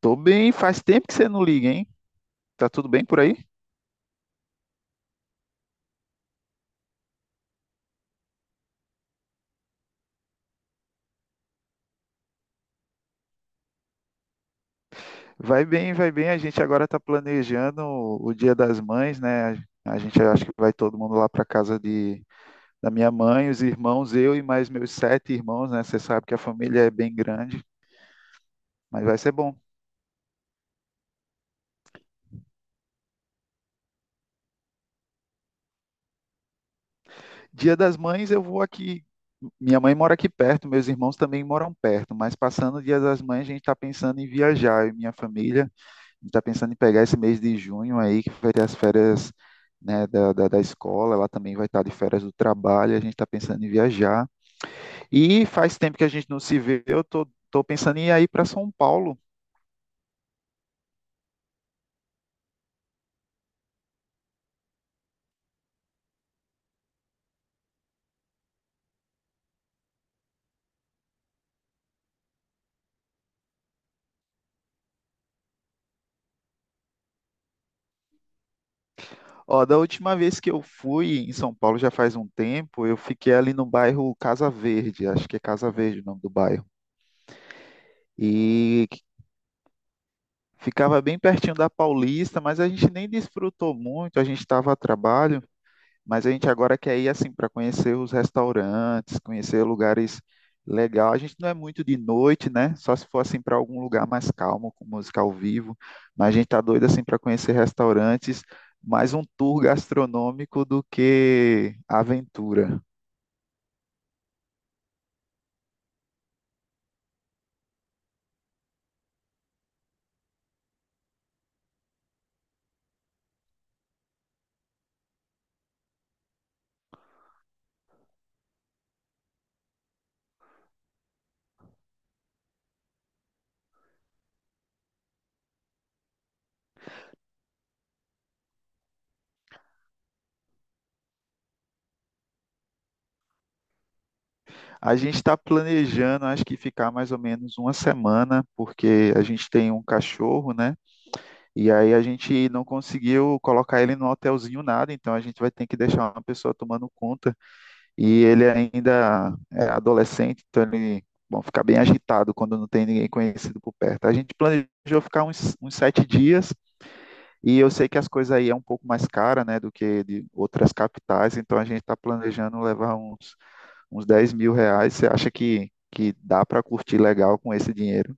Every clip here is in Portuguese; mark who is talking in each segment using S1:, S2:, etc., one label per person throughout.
S1: Tô bem, faz tempo que você não liga, hein? Tá tudo bem por aí? Vai bem, vai bem. A gente agora tá planejando o Dia das Mães, né? A gente acho que vai todo mundo lá para casa de, da minha mãe, os irmãos, eu e mais meus sete irmãos, né? Você sabe que a família é bem grande, mas vai ser bom. Dia das Mães eu vou aqui. Minha mãe mora aqui perto, meus irmãos também moram perto, mas passando o Dia das Mães a gente tá pensando em viajar, eu e minha família. Está pensando em pegar esse mês de junho aí, que vai ter as férias, né, da escola, ela também vai estar de férias do trabalho, a gente está pensando em viajar. E faz tempo que a gente não se vê, eu tô pensando em ir para São Paulo. Ó, da última vez que eu fui em São Paulo, já faz um tempo, eu fiquei ali no bairro Casa Verde, acho que é Casa Verde o nome do bairro. E ficava bem pertinho da Paulista, mas a gente nem desfrutou muito, a gente estava a trabalho. Mas a gente agora quer ir assim para conhecer os restaurantes, conhecer lugares legais. A gente não é muito de noite, né? Só se for assim para algum lugar mais calmo, com música ao vivo. Mas a gente tá doido assim para conhecer restaurantes, mais um tour gastronômico do que aventura. A gente está planejando, acho que ficar mais ou menos uma semana, porque a gente tem um cachorro, né? E aí a gente não conseguiu colocar ele no hotelzinho nada, então a gente vai ter que deixar uma pessoa tomando conta. E ele ainda é adolescente, então ele bom, fica bem agitado quando não tem ninguém conhecido por perto. A gente planejou ficar uns sete dias, e eu sei que as coisas aí é um pouco mais cara, né, do que de outras capitais, então a gente está planejando levar uns 10 mil reais. Você acha que dá para curtir legal com esse dinheiro?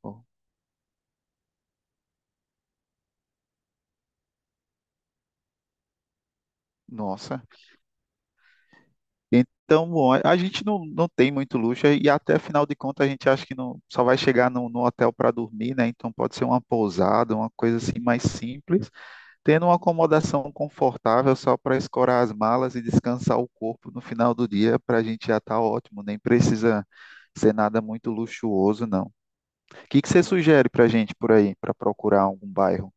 S1: Pô. Nossa. Então, bom, a gente não, não tem muito luxo e até afinal de contas a gente acha que não, só vai chegar no, no hotel para dormir, né? Então pode ser uma pousada, uma coisa assim mais simples, tendo uma acomodação confortável só para escorar as malas e descansar o corpo no final do dia, para a gente já tá ótimo, nem precisa ser nada muito luxuoso, não. O que que você sugere para a gente por aí, para procurar algum bairro?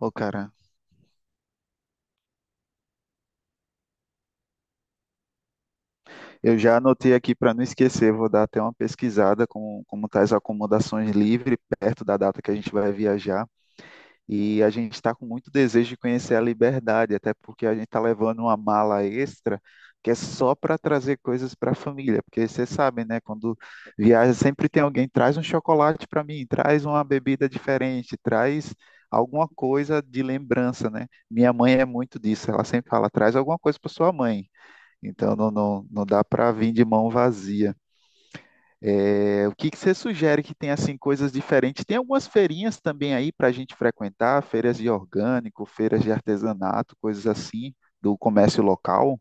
S1: Ô, cara, eu já anotei aqui para não esquecer, vou dar até uma pesquisada com como tá as acomodações livre perto da data que a gente vai viajar. E a gente está com muito desejo de conhecer a Liberdade, até porque a gente está levando uma mala extra que é só para trazer coisas para a família, porque vocês sabem, né? Quando viaja sempre tem alguém traz um chocolate para mim, traz uma bebida diferente, traz alguma coisa de lembrança, né? Minha mãe é muito disso, ela sempre fala, traz alguma coisa para sua mãe. Então não dá para vir de mão vazia. É, o que que você sugere que tem assim coisas diferentes? Tem algumas feirinhas também aí para a gente frequentar, feiras de orgânico, feiras de artesanato, coisas assim do comércio local.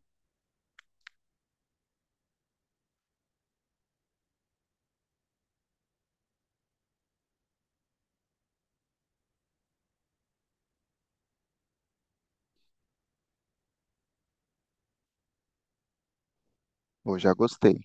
S1: Pô, já gostei.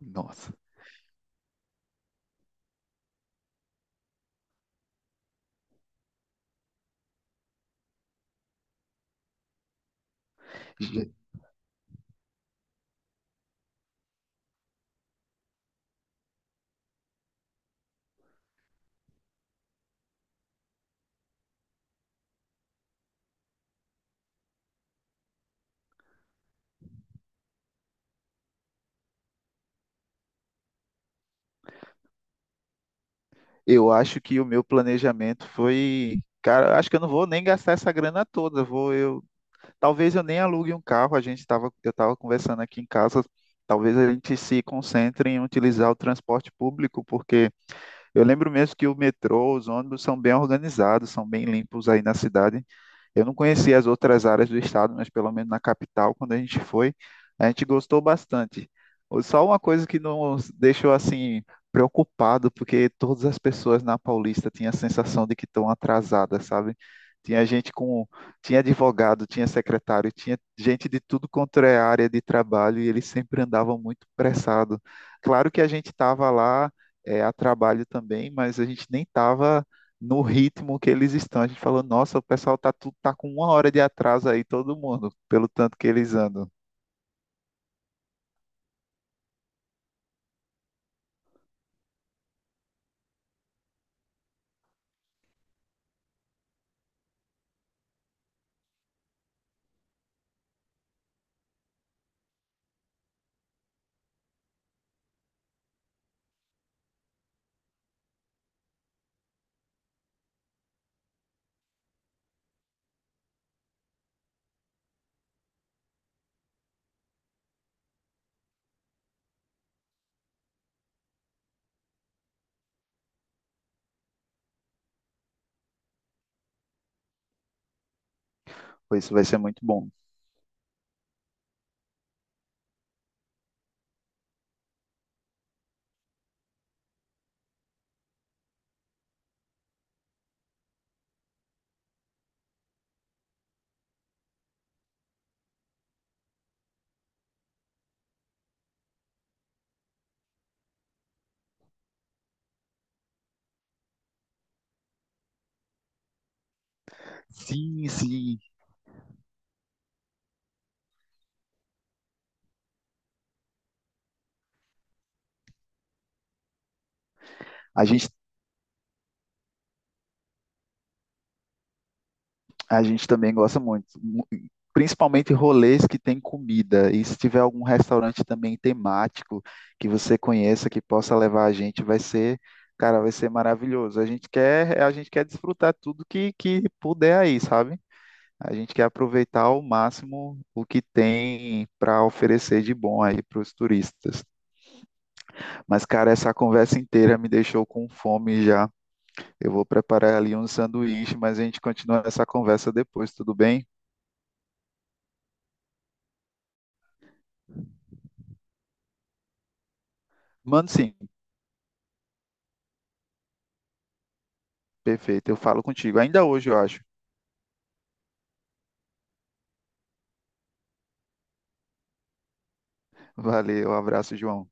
S1: Nossa. Eu acho que o meu planejamento foi, cara, acho que eu não vou nem gastar essa grana toda. Vou eu, talvez eu nem alugue um carro. A gente tava, eu estava conversando aqui em casa. Talvez a gente se concentre em utilizar o transporte público, porque eu lembro mesmo que o metrô, os ônibus são bem organizados, são bem limpos aí na cidade. Eu não conhecia as outras áreas do estado, mas pelo menos na capital, quando a gente foi, a gente gostou bastante. Só uma coisa que nos deixou assim preocupado, porque todas as pessoas na Paulista tinham a sensação de que estão atrasadas, sabe? Tinha gente com, tinha advogado, tinha secretário, tinha gente de tudo quanto é área de trabalho e eles sempre andavam muito pressado. Claro que a gente estava lá a trabalho também, mas a gente nem estava no ritmo que eles estão. A gente falou, nossa, o pessoal tá, tudo, tá com uma hora de atraso aí, todo mundo, pelo tanto que eles andam. Pô, isso vai ser muito bom. Sim, sim. A gente, a gente também gosta muito. Mu- Principalmente rolês que tem comida. E se tiver algum restaurante também temático que você conheça, que possa levar a gente, vai ser, cara, vai ser maravilhoso. A gente quer desfrutar tudo que puder aí, sabe? A gente quer aproveitar ao máximo o que tem para oferecer de bom aí para os turistas. Mas, cara, essa conversa inteira me deixou com fome já. Eu vou preparar ali um sanduíche, mas a gente continua essa conversa depois, tudo bem? Mano, sim, perfeito. Eu falo contigo ainda hoje, eu acho. Valeu, abraço, João.